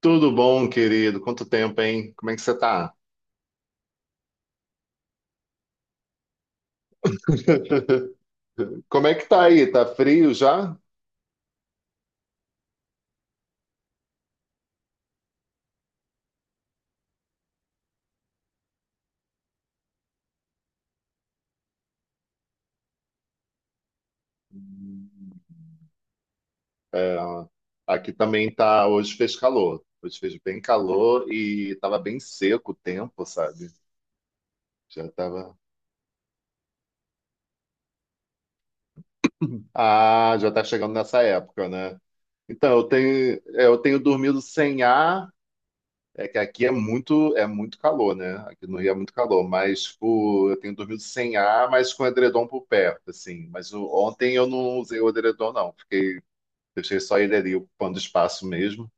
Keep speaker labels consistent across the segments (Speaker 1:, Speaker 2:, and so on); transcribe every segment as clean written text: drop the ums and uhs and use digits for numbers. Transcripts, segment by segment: Speaker 1: Tudo bom, querido? Quanto tempo, hein? Como é que você tá? Como é que tá aí? Tá frio já? É, aqui também tá. Hoje fez calor. Hoje fez bem calor e tava bem seco o tempo, sabe? Já tava. Ah, já tá chegando nessa época, né? Então, eu tenho dormido sem ar. É que aqui é muito calor, né? Aqui no Rio é muito calor, mas tipo, eu tenho dormido sem ar, mas com edredom por perto, assim. Mas ontem eu não usei o edredom, não. Fiquei, deixei só ele ali ocupando espaço mesmo.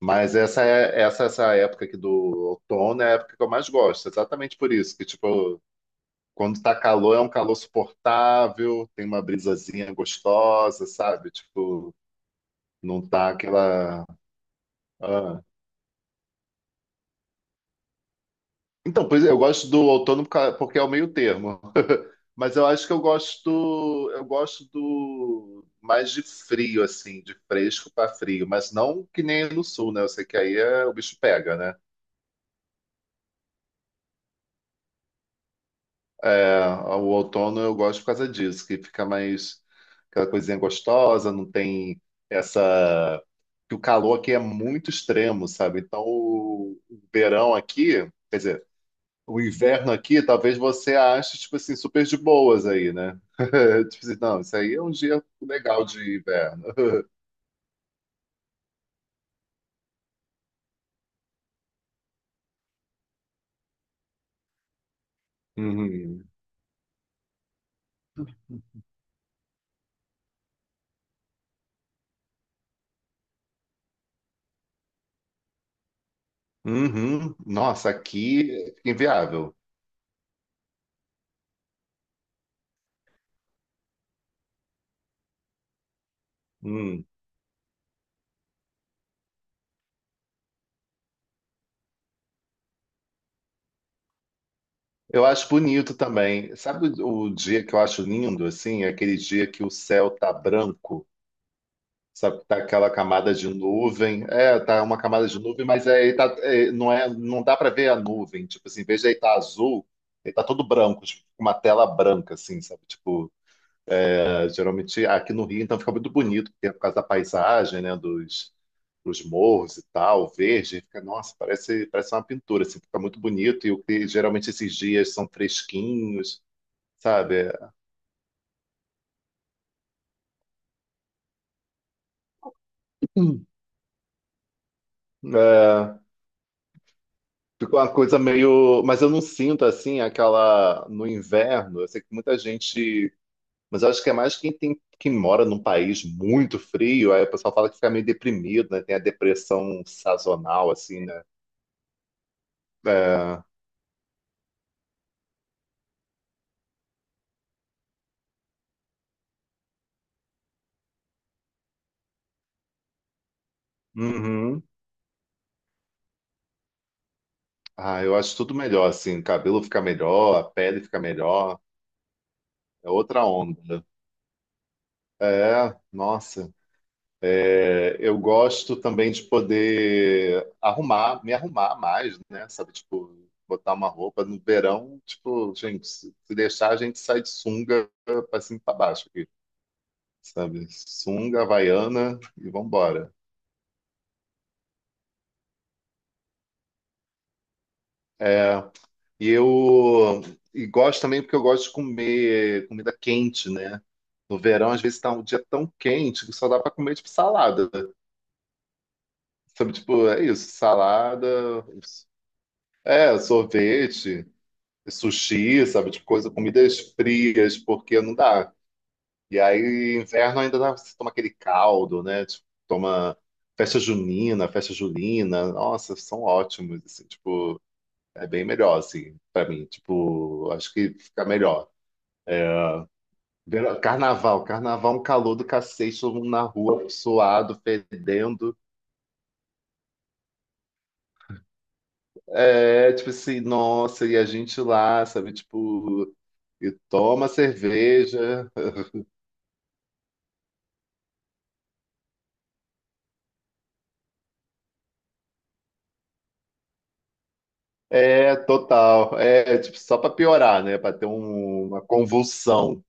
Speaker 1: Mas essa época aqui do outono é a época que eu mais gosto, exatamente por isso, que tipo, quando tá calor é um calor suportável, tem uma brisazinha gostosa, sabe? Tipo, não tá aquela ah. Então, pois é, eu gosto do outono porque é o meio termo. Mas eu acho que eu gosto do mais de frio, assim, de fresco para frio, mas não que nem no sul, né? Eu sei que aí o bicho pega, né? É, o outono eu gosto por causa disso, que fica mais aquela coisinha gostosa, não tem essa. Que o calor aqui é muito extremo, sabe? Então o verão aqui, quer dizer, o inverno aqui, talvez você ache, tipo assim, super de boas aí, né? Tipo assim, não, isso aí é um dia legal de inverno. Uhum. Uhum. Nossa, aqui fica inviável. Hum. Eu acho bonito também. Sabe o dia que eu acho lindo, assim? É aquele dia que o céu tá branco, sabe? Tá aquela camada de nuvem. É, tá uma camada de nuvem, mas aí tá, é, não dá pra ver a nuvem. Tipo assim, em vez de aí tá azul, ele tá todo branco, tipo, com uma tela branca, assim, sabe? Tipo, geralmente aqui no Rio, então fica muito bonito, porque é por causa da paisagem, né, dos, dos morros e tal, verde, fica, nossa, parece, parece uma pintura, assim, fica muito bonito, e o que geralmente esses dias são fresquinhos, sabe? Hum. É, fica uma coisa meio. Mas eu não sinto assim aquela. No inverno, eu sei que muita gente. Mas eu acho que é mais quem tem quem mora num país muito frio, aí o pessoal fala que fica meio deprimido, né? Tem a depressão sazonal, assim, né? É. Uhum. Ah, eu acho tudo melhor, assim. O cabelo fica melhor, a pele fica melhor. É outra onda. É, nossa. É, eu gosto também de poder arrumar, me arrumar mais, né? Sabe, tipo, botar uma roupa no verão, tipo, gente, se deixar, a gente sai de sunga pra cima e pra baixo aqui, sabe? Sunga, havaiana e vambora. É. E eu gosto também porque eu gosto de comer comida quente, né? No verão, às vezes tá um dia tão quente que só dá pra comer tipo salada. Sabe, tipo, é isso, salada, é, sorvete, sushi, sabe, tipo coisa, comidas frias, porque não dá. E aí, inverno ainda dá, você toma aquele caldo, né? Tipo, toma festa junina, festa julina. Nossa, são ótimos, assim, tipo, é bem melhor, assim, pra mim. Tipo, acho que fica melhor. Carnaval, carnaval, um calor do cacete, todo mundo na rua, suado, fedendo. É, tipo assim, nossa, e a gente lá, sabe, tipo, e toma cerveja. É, total. É, tipo, só pra piorar, né? Pra ter uma convulsão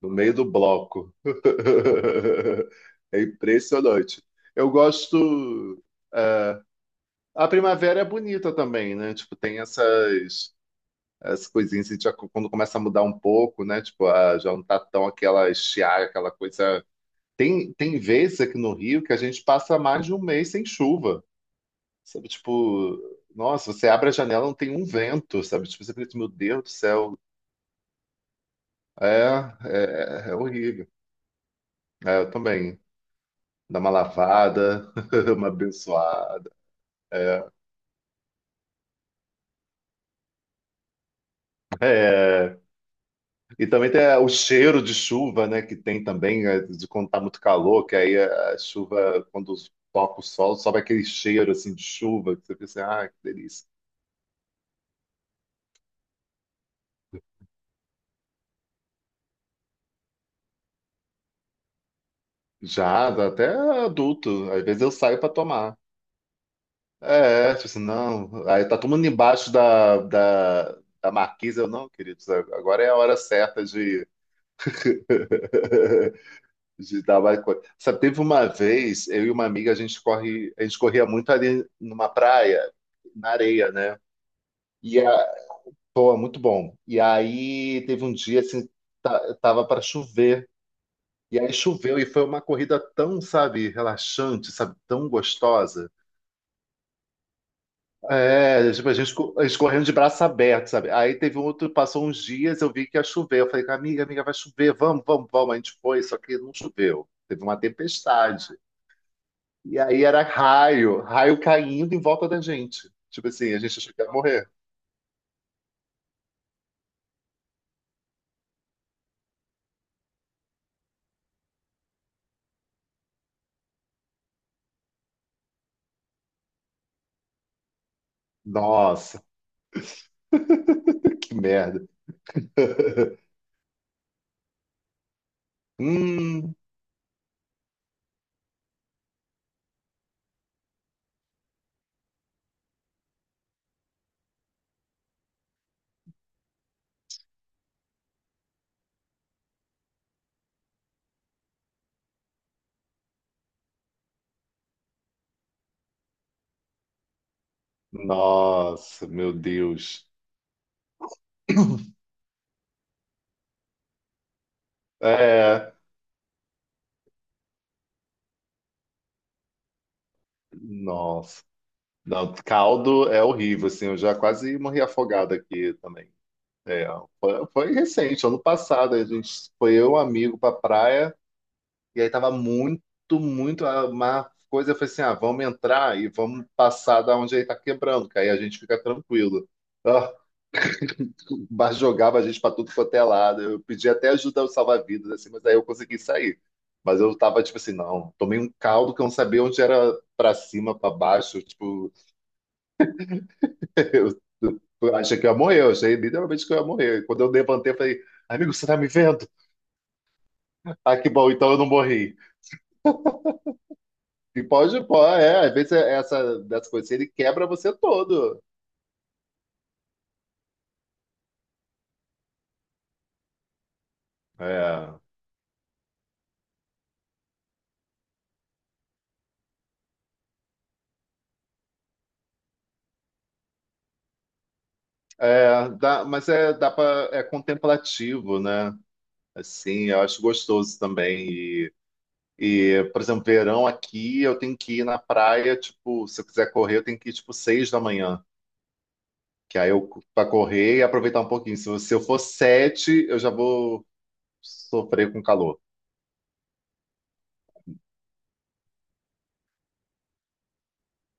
Speaker 1: no meio do bloco. É impressionante. Eu gosto. É, a primavera é bonita também, né? Tipo, tem essas. As coisinhas, e já quando começa a mudar um pouco, né? Tipo, ah, já não tá tão aquela estiagem, aquela coisa. Tem, tem vezes aqui no Rio que a gente passa mais de um mês sem chuva, sabe? Tipo, nossa, você abre a janela, não tem um vento, sabe? Tipo, você pensa, meu Deus do céu, é, é, horrível. É, eu também. Dá uma lavada, uma abençoada. É. E também tem é, o cheiro de chuva, né? Que tem também, é, de quando tá muito calor, que aí a chuva, quando toca o sol, sobe aquele cheiro assim de chuva, que você pensa, ah, que delícia. Já, até adulto, às vezes eu saio para tomar. É, é, tipo assim, não. Aí tá todo mundo embaixo da marquise, eu não, queridos, agora é a hora certa de, de dar mais coisa. Sabe, teve uma vez, eu e uma amiga, a gente corre, a gente corria muito ali numa praia, na areia, né? E a, pô, é muito bom. E aí teve um dia assim, tava para chover. E aí choveu e foi uma corrida tão, sabe, relaxante, sabe, tão gostosa. É, tipo, a gente, a gente correndo de braço aberto, sabe? Aí teve um outro, passou uns dias, eu vi que ia chover. Eu falei, amiga, amiga, vai chover, vamos, vamos, vamos. A gente foi, só que não choveu. Teve uma tempestade. E aí era raio, raio caindo em volta da gente. Tipo assim, a gente achou que ia morrer. Nossa, que merda. Hum. Nossa, meu Deus. É, nossa. Não, caldo é horrível, assim, eu já quase morri afogado aqui também. É, foi recente, ano passado, a gente foi eu e um amigo pra praia, e aí tava muito, muito, uma coisa foi assim, ah, vamos entrar e vamos passar da onde ele tá quebrando, que aí a gente fica tranquilo. Mas jogava a gente pra tudo quanto é lado. Eu pedi até ajuda ao salva-vidas, assim, mas aí eu consegui sair. Mas eu tava tipo assim, não, tomei um caldo que eu não sabia onde era pra cima, pra baixo. Tipo, eu, eu achei que eu ia morrer, eu achei literalmente que eu ia morrer. E quando eu levantei, eu falei, amigo, você tá me vendo? Ah, que bom, então eu não morri. E pode, pô, é, às vezes é essa, dessa coisa assim, ele quebra você todo. É. É, dá, mas é, dá pra, é contemplativo, né? Assim, eu acho gostoso também. E, por exemplo, verão aqui, eu tenho que ir na praia, tipo, se eu quiser correr, eu tenho que ir, tipo, 6 da manhã. Que aí eu, pra correr e aproveitar um pouquinho. Se eu for 7, eu já vou sofrer com calor.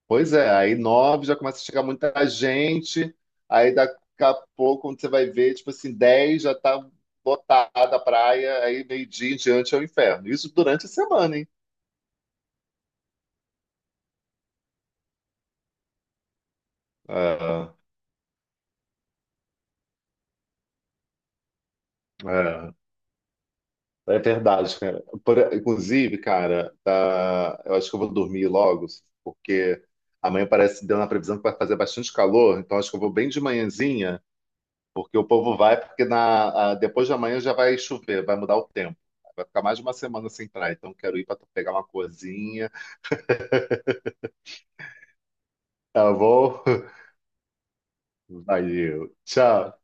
Speaker 1: Pois é, aí 9 já começa a chegar muita gente. Aí daqui a pouco, quando você vai ver, tipo assim, 10 já tá lotada a praia. Aí meio-dia em diante é o inferno. Isso durante a semana, hein? É, é. É verdade, cara. Inclusive, cara, tá, eu acho que eu vou dormir logo, porque amanhã parece que deu na previsão que vai fazer bastante calor, então acho que eu vou bem de manhãzinha, porque o povo vai, porque na, depois de amanhã já vai chover, vai mudar o tempo. Vai ficar mais de uma semana sem praia, então quero ir para pegar uma coisinha. Tá bom? Valeu. Tchau.